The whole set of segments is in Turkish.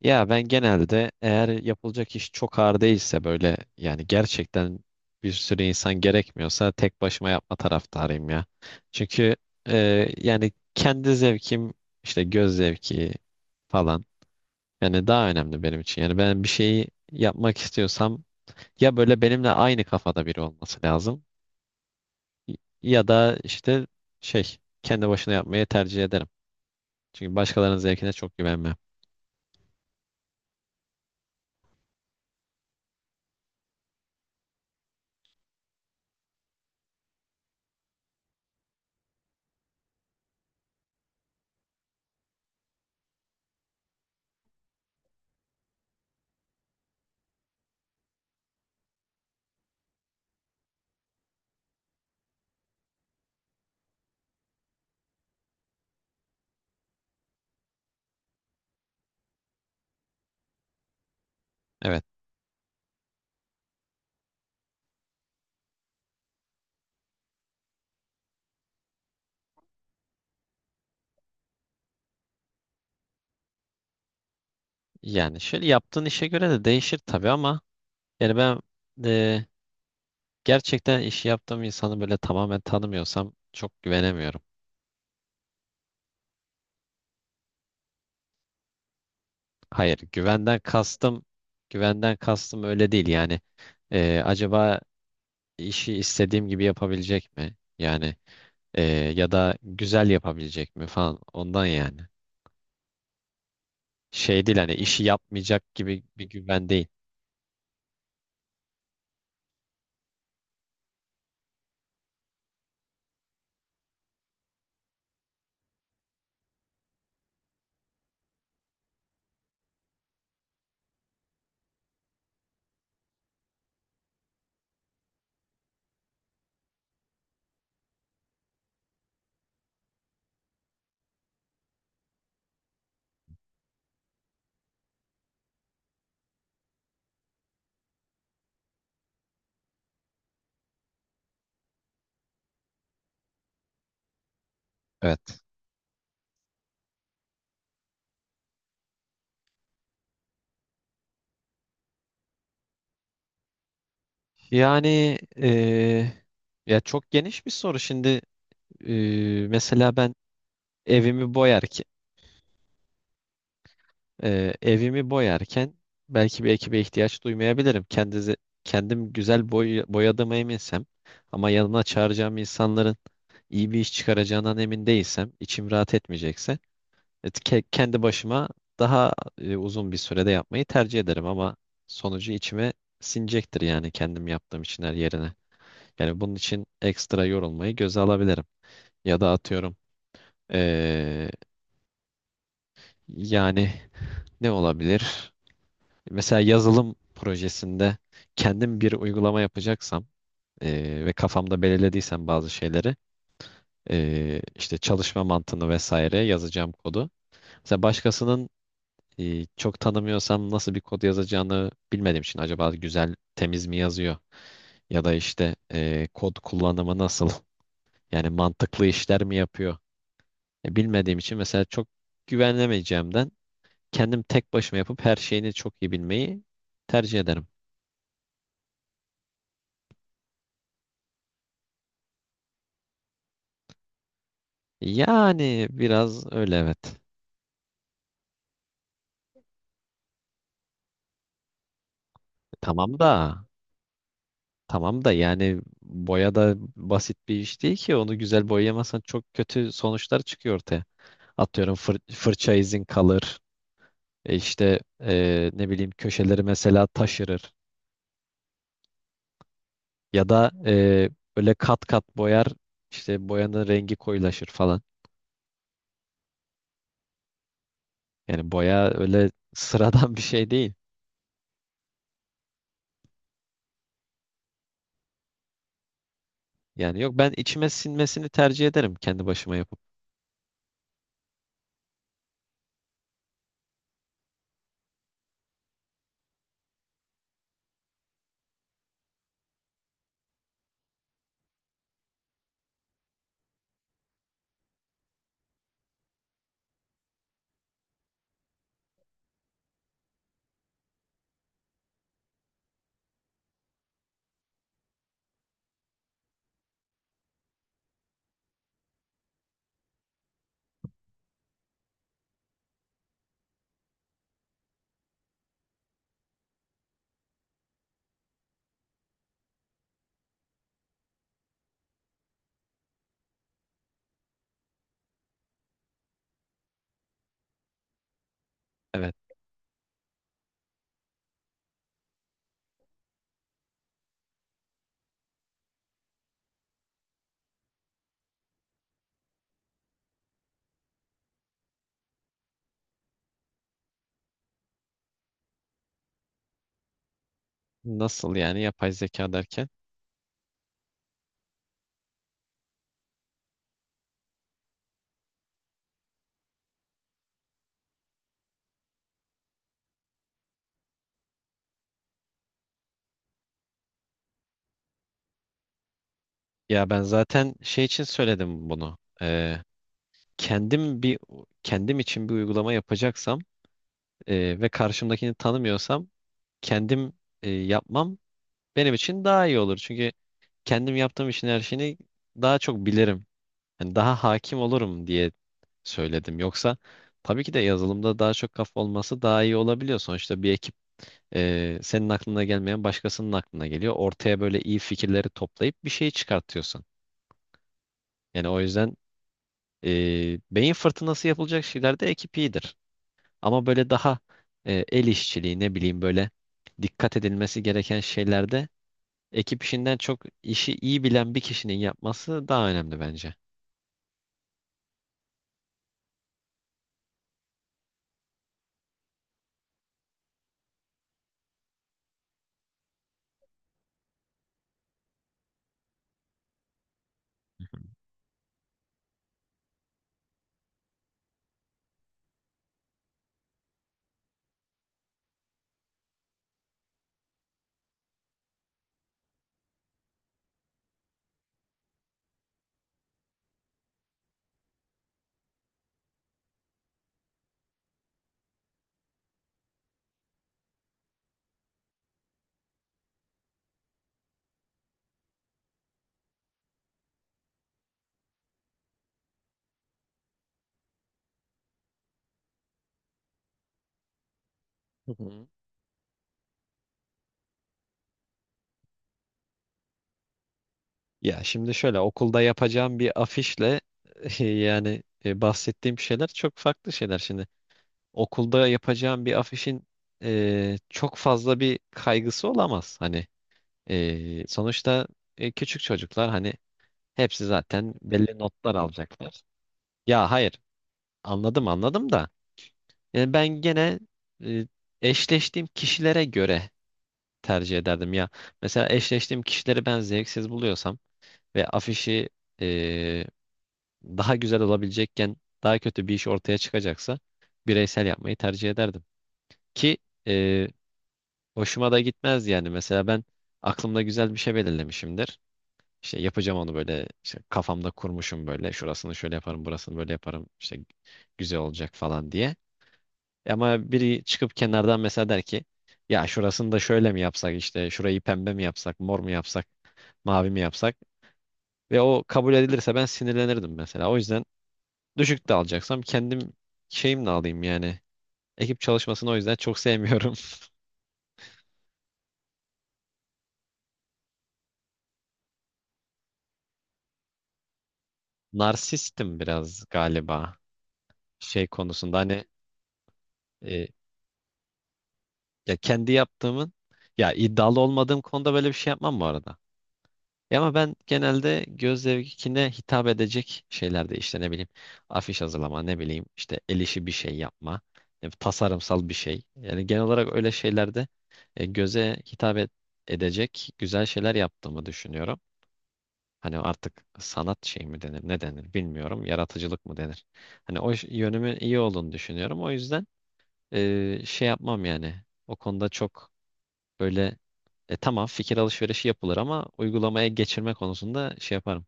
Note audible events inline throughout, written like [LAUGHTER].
Ya ben genelde eğer yapılacak iş çok ağır değilse böyle yani gerçekten bir sürü insan gerekmiyorsa tek başıma yapma taraftarıyım ya. Çünkü yani kendi zevkim, işte göz zevki falan, yani daha önemli benim için. Yani ben bir şeyi yapmak istiyorsam ya böyle benimle aynı kafada biri olması lazım, ya da işte şey kendi başına yapmayı tercih ederim. Çünkü başkalarının zevkine çok güvenmem. Evet. Yani şöyle yaptığın işe göre de değişir tabii ama yani ben e, gerçekten işi yaptığım insanı böyle tamamen tanımıyorsam çok güvenemiyorum. Hayır, güvenden kastım öyle değil yani. E, acaba işi istediğim gibi yapabilecek mi? Yani e, ya da güzel yapabilecek mi falan ondan yani. Şey değil, hani işi yapmayacak gibi bir güven değil. Evet. Yani ya çok geniş bir soru. Şimdi mesela ben evimi boyarken evimi boyarken belki bir ekibe ihtiyaç duymayabilirim. Kendim güzel boyadığıma eminsem ama yanıma çağıracağım insanların iyi bir iş çıkaracağından emin değilsem, içim rahat etmeyecekse, kendi başıma daha uzun bir sürede yapmayı tercih ederim, ama sonucu içime sinecektir yani, kendim yaptığım için her yerine. Yani bunun için ekstra yorulmayı göze alabilirim. Ya da atıyorum, eee, yani ne olabilir? Mesela yazılım projesinde kendim bir uygulama yapacaksam ve kafamda belirlediysem bazı şeyleri, işte çalışma mantığını vesaire, yazacağım kodu. Mesela başkasının, çok tanımıyorsam nasıl bir kod yazacağını bilmediğim için, acaba güzel temiz mi yazıyor? Ya da işte kod kullanımı nasıl? [LAUGHS] Yani mantıklı işler mi yapıyor? Ya bilmediğim için mesela, çok güvenemeyeceğimden, kendim tek başıma yapıp her şeyini çok iyi bilmeyi tercih ederim. Yani biraz öyle, evet. Tamam da, tamam da, yani boya da basit bir iş değil ki. Onu güzel boyayamazsan çok kötü sonuçlar çıkıyor ortaya. Atıyorum, fırça izin kalır. İşte ne bileyim, köşeleri mesela taşırır. Ya da böyle kat kat boyar, işte boyanın rengi koyulaşır falan. Yani boya öyle [LAUGHS] sıradan bir şey değil. Yani yok, ben içime sinmesini tercih ederim kendi başıma yapıp. Evet. Nasıl yani, yapay zeka derken? Ya ben zaten şey için söyledim bunu. Kendim bir kendim için bir uygulama yapacaksam ve karşımdakini tanımıyorsam, kendim yapmam benim için daha iyi olur. Çünkü kendim yaptığım işin her şeyini daha çok bilirim. Hani daha hakim olurum diye söyledim. Yoksa tabii ki de yazılımda daha çok kafa olması daha iyi olabiliyor. Sonuçta bir ekip, senin aklına gelmeyen başkasının aklına geliyor. Ortaya böyle iyi fikirleri toplayıp bir şey çıkartıyorsun. Yani o yüzden beyin fırtınası yapılacak şeylerde ekip iyidir. Ama böyle daha el işçiliği, ne bileyim, böyle dikkat edilmesi gereken şeylerde, ekip işinden çok işi iyi bilen bir kişinin yapması daha önemli bence. [LAUGHS] Ya şimdi şöyle, okulda yapacağım bir afişle [LAUGHS] yani bahsettiğim şeyler çok farklı şeyler şimdi. Okulda yapacağım bir afişin çok fazla bir kaygısı olamaz. Hani, sonuçta, küçük çocuklar, hani hepsi zaten belli notlar alacaklar. Ya hayır, anladım da yani ben gene e, eşleştiğim kişilere göre tercih ederdim ya. Mesela eşleştiğim kişileri ben zevksiz buluyorsam ve afişi, e, daha güzel olabilecekken daha kötü bir iş ortaya çıkacaksa, bireysel yapmayı tercih ederdim. Ki e, hoşuma da gitmez yani. Mesela ben aklımda güzel bir şey belirlemişimdir. İşte yapacağım onu, böyle işte kafamda kurmuşum, böyle şurasını şöyle yaparım burasını böyle yaparım, işte güzel olacak falan diye. Ama biri çıkıp kenardan mesela der ki, ya şurasını da şöyle mi yapsak, işte şurayı pembe mi yapsak mor mu yapsak mavi mi yapsak, ve o kabul edilirse ben sinirlenirdim mesela. O yüzden düşük de alacaksam kendim şeyimle alayım yani. Ekip çalışmasını o yüzden çok sevmiyorum. [LAUGHS] Narsistim biraz galiba şey konusunda, hani e, ya kendi yaptığımın, ya iddialı olmadığım konuda böyle bir şey yapmam bu arada. E ama ben genelde göz zevkine hitap edecek şeylerde, işte ne bileyim afiş hazırlama, ne bileyim işte el işi bir şey yapma, tasarımsal bir şey, yani genel olarak öyle şeylerde e, göze hitap et- edecek güzel şeyler yaptığımı düşünüyorum. Hani artık sanat şey mi denir, ne denir, bilmiyorum. Yaratıcılık mı denir? Hani o yönümün iyi olduğunu düşünüyorum. O yüzden şey yapmam yani. O konuda çok böyle, tamam fikir alışverişi yapılır ama uygulamaya geçirme konusunda şey yaparım.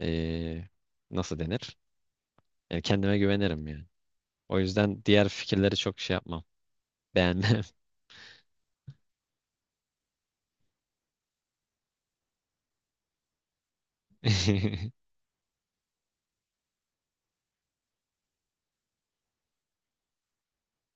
E, nasıl denir? E, kendime güvenirim yani. O yüzden diğer fikirleri çok şey yapmam. Beğenmem. [LAUGHS]